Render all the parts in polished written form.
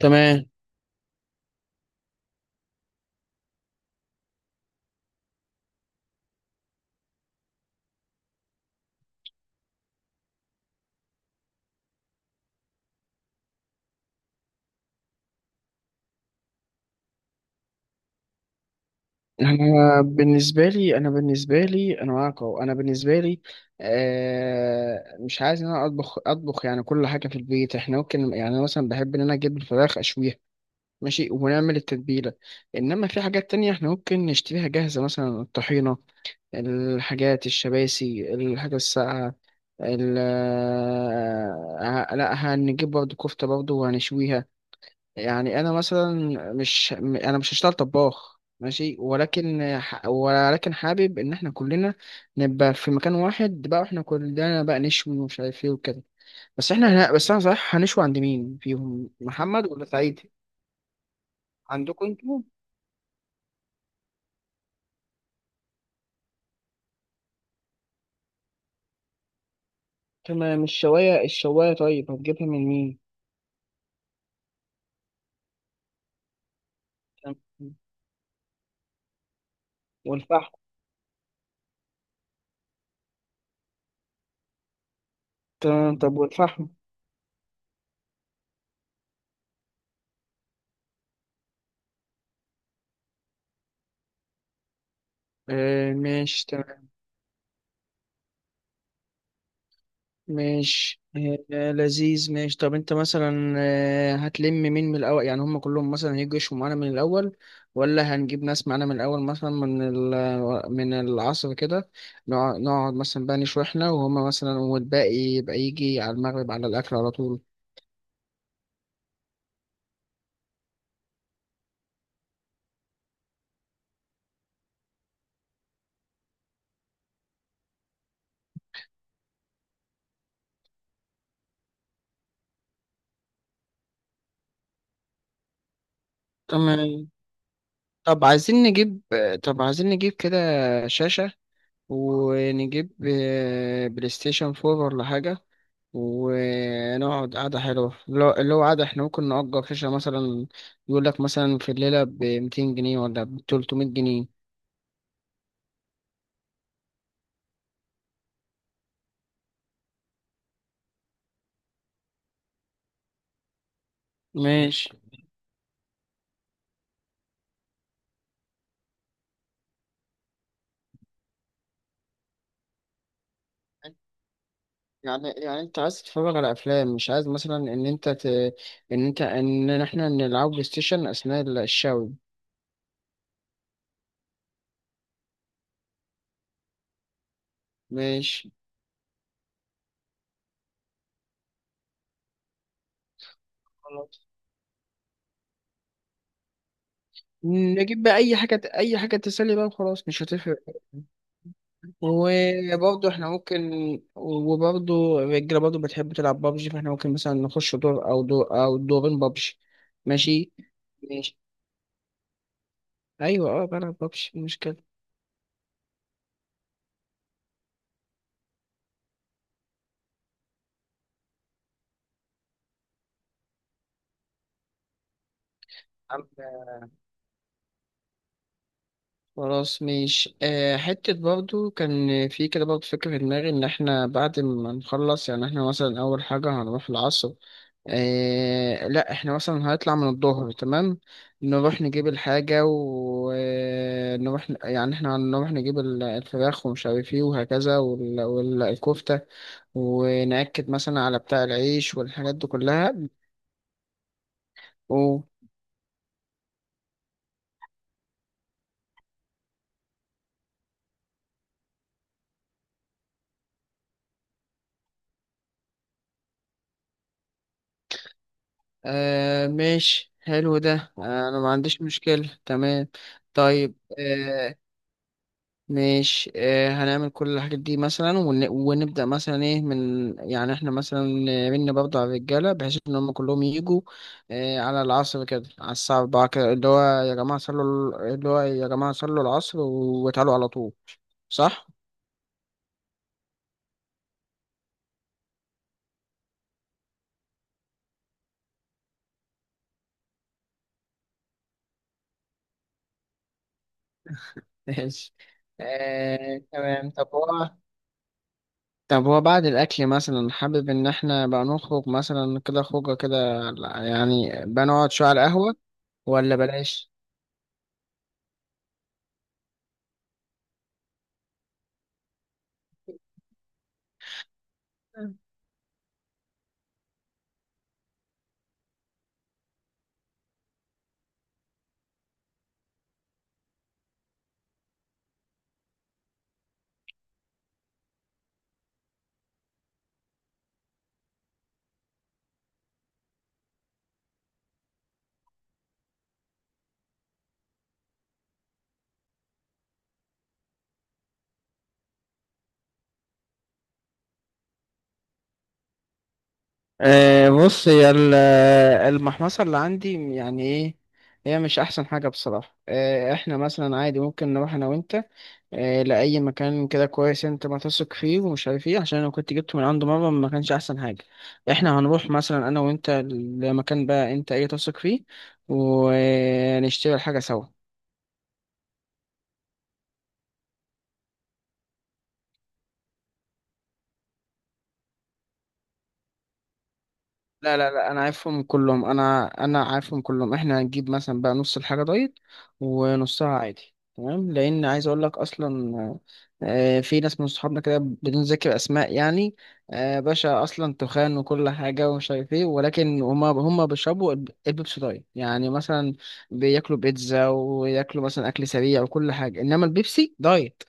تمام. انا معاك اهو. انا بالنسبه لي، مش عايز ان انا اطبخ يعني كل حاجه في البيت. احنا ممكن، يعني انا مثلا بحب ان انا اجيب الفراخ اشويها. ماشي، ونعمل التتبيله. انما في حاجات تانية احنا ممكن نشتريها جاهزه، مثلا الطحينه، الحاجات الشباسي، الحاجه الساقعه. ال آه، لا، هنجيب برضه كفته برضه وهنشويها. يعني انا مثلا مش م- انا مش هشتغل طباخ. ماشي، ولكن حابب ان احنا كلنا نبقى في مكان واحد، بقى واحنا كلنا بقى نشوي ومش عارف ايه وكده. بس انا صح، هنشوي عند مين فيهم، محمد ولا سعيد؟ عندكم انتوا؟ تمام. الشوايه طيب هتجيبها من مين؟ تمام. والفحم؟ تمام، طب والفحم؟ آه ماشي، تمام. ماشي. لذيذ، ماشي. طب انت مثلا هتلم مين من الاول؟ يعني هم كلهم مثلا هيجوا يشوا معانا من الاول، ولا هنجيب ناس معانا من الاول، مثلا من العصر كده؟ نقعد مثلا بقى نشوي احنا وهم مثلا، والباقي يبقى يجي على المغرب على الاكل على طول. تمام. طب عايزين نجيب طب عايزين نجيب كده شاشة، ونجيب بلاي ستيشن 4 ولا حاجة، ونقعد قعدة حلوة اللي هو قعدة. احنا ممكن نأجر شاشة مثلا، يقول لك مثلا في الليلة ب 200 جنيه ولا ب 300 جنيه. ماشي. يعني انت عايز تتفرج على افلام، مش عايز مثلا ان انت ت... ان انت ان احنا نلعب بلاي ستيشن اثناء الشاوي؟ ماشي. خلاص. نجيب بقى اي حاجة تسلي بقى وخلاص، مش هتفرق. وبرضه احنا ممكن وبرضه الرجالة برضه بتحب تلعب بابجي، فاحنا ممكن مثلا نخش دور أو دور أو دورين بابجي. ماشي. ماشي. أيوة، أه، بلعب بابجي مش كده. عم- خلاص، مش آه حتة برضه كان في كده برضه فكرة في دماغي، إن احنا بعد ما نخلص يعني احنا مثلا أول حاجة هنروح العصر، إيه لا احنا مثلا هنطلع من الظهر، تمام. نروح نجيب الحاجة ونروح، يعني احنا هنروح نجيب الفراخ ومش عارف ايه وهكذا، والكفتة، ونأكد مثلا على بتاع العيش والحاجات دي كلها. و آه ماشي، حلو ده. انا ما عنديش مشكلة، تمام. طيب ماشي. هنعمل كل الحاجات دي مثلا ونبدأ مثلا ايه من، يعني احنا مثلا من برضه على الرجالة، بحيث ان هم كلهم يجوا على العصر كده على الساعة 4 كده، اللي هو يا جماعة صلوا، اللي هو يا جماعة صلوا العصر وتعالوا على طول. صح؟ ماشي. تمام. طب هو بعد الأكل مثلا حابب إن احنا بقى نخرج مثلا كده خروجة كده؟ يعني بقى نقعد شوية على القهوة ولا بلاش؟ بص، المحمصة اللي عندي يعني ايه. هي مش احسن حاجة بصراحة. احنا مثلا عادي ممكن نروح انا وانت لأي مكان كده كويس انت ما تثق فيه ومش عارف ايه، عشان انا كنت جبته من عنده مرة ما كانش احسن حاجة. احنا هنروح مثلا انا وانت لمكان بقى انت ايه تثق فيه، ونشتري الحاجة سوا. لا لا لا، انا عارفهم كلهم. انا عارفهم كلهم. احنا هنجيب مثلا بقى نص الحاجه دايت ونصها عادي، تمام. لان عايز اقول لك اصلا في ناس من صحابنا كده بدون ذكر اسماء يعني، باشا اصلا تخان وكل حاجه ومش عارف ايه، ولكن هما بيشربوا البيبسي دايت، يعني مثلا بياكلوا بيتزا وياكلوا مثلا اكل سريع وكل حاجه، انما البيبسي دايت.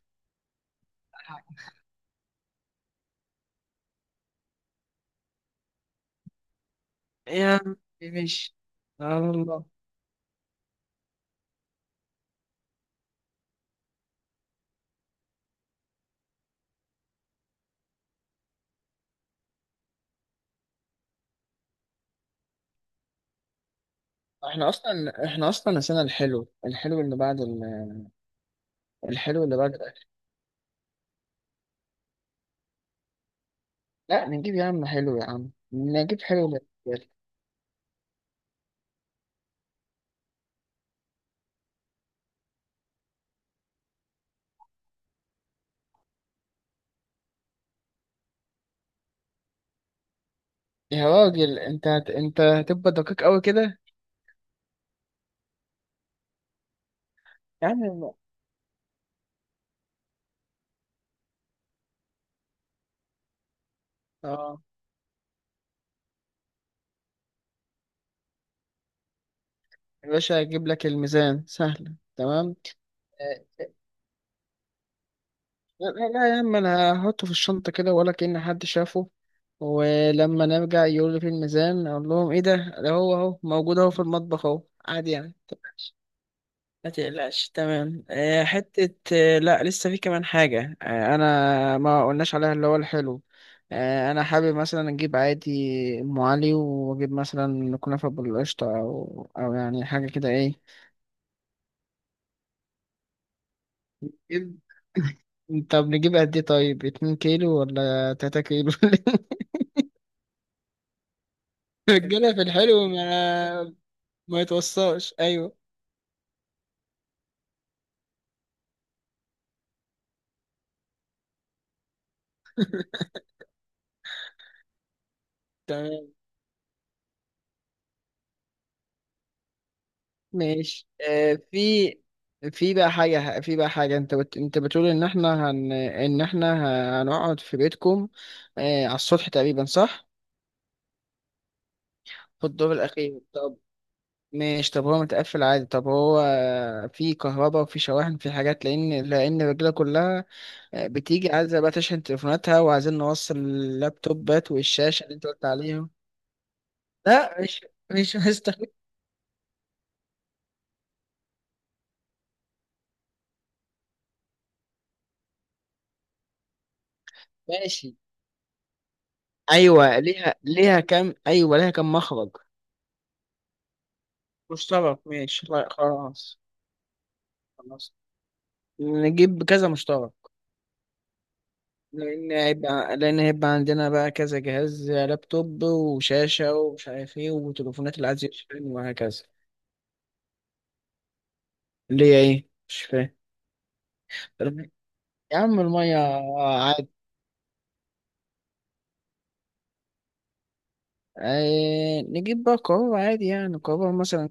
يا مش سبحان الله. احنا اصلا نسينا الحلو، الحلو اللي بعد الأكل. لا نجيب يا عم حلو، يا عم نجيب حلو للرجال. يا راجل انت هتبقى دقيق قوي كده. يا عم، اه. يا باشا هجيب لك الميزان، سهل، تمام. آه، لا لا لا يا عم، انا هحطه في الشنطة كده ولا كأن حد شافه. ولما نرجع يقول لي في الميزان اقول لهم ايه ده، ده هو اهو موجود اهو في المطبخ اهو، عادي يعني. لا تقلقش، تمام. آه، حتة آه، لا لسه في كمان حاجة، أنا ما قلناش عليها، اللي هو الحلو. أنا حابب مثلا أجيب عادي أم علي، وأجيب مثلا كنافة بالقشطة أو أو يعني حاجة كده، إيه. نجيب- طب نجيب قد إيه؟ طيب اتنين كيلو ولا تلاتة كيلو؟ الرجالة في الحلو ما، ما يتوصاش، أيوه. تمام ماشي. في بقى حاجة، انت بتقول ان احنا هن... ان احنا ه- هنقعد في بيتكم على السطح تقريبا، صح؟ في الدور الأخير؟ طب ماشي، طب هو متقفل عادي؟ طب هو في كهرباء وفي شواحن، في حاجات؟ لأن الرجالة كلها بتيجي عايزة بقى تشحن تليفوناتها، وعايزين نوصل اللابتوبات والشاشة اللي انت قلت عليهم. لا مش هستخدم. ماشي. ايوه ليها كام مخرج؟ مشترك، ماشي، لا خلاص. خلاص، نجيب كذا مشترك. لأن هيبقى عندنا بقى كذا جهاز، لابتوب وشاشة ومش عارف ايه وتليفونات اللي عايز يشحن وهكذا. اللي هي ايه؟ مش فاهم. يا عم المية عادي. آه، نجيب بقى قارورة عادي، يعني قارورة مثلا.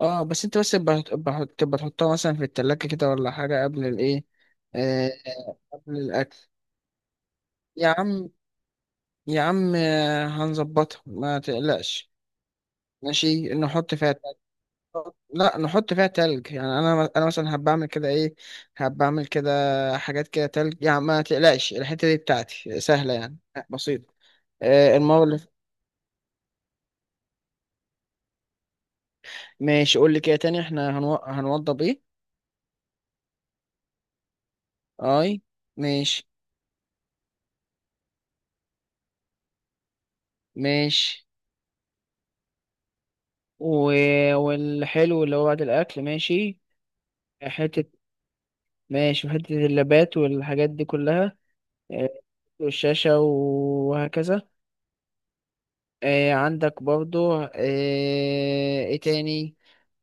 اه، بس انت بس تبقى تحطها مثلا في التلاجة كده ولا حاجة قبل الايه؟ آه، قبل الأكل. يا عم، يا عم، هنظبطها، ما تقلقش. ماشي، نحط فيها تلج. لا نحط فيها تلج، يعني انا مثلا هبقى اعمل كده ايه، هبقى اعمل كده حاجات كده تلج، يعني ما تقلقش، الحته دي بتاعتي سهله، يعني بسيطه. آه المره اللي ف- ماشي. قول لي كده تاني، احنا هنوضب ايه؟ اي. ماشي، ماشي. و... والحلو اللي هو بعد الاكل، ماشي. حته، ماشي، وحته اللابات والحاجات دي كلها. آه، والشاشه وهكذا. آه، عندك برضو. آه، ايه تاني.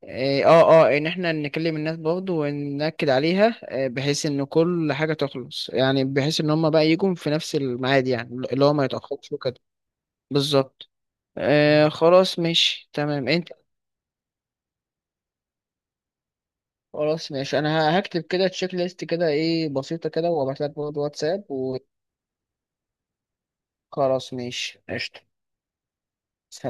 اه، اه، ان احنا نكلم الناس برضو ونأكد عليها، آه، بحيث ان كل حاجة تخلص يعني، بحيث ان هم بقى يجوا في نفس الميعاد، يعني اللي هو ما يتأخرش وكده. بالظبط. آه، خلاص، ماشي، تمام انت. خلاص، ماشي، انا هكتب كده تشيك ليست كده، ايه بسيطة كده، وابعت لك برضو واتساب. وخلاص، ماشي، قشطة. سلام.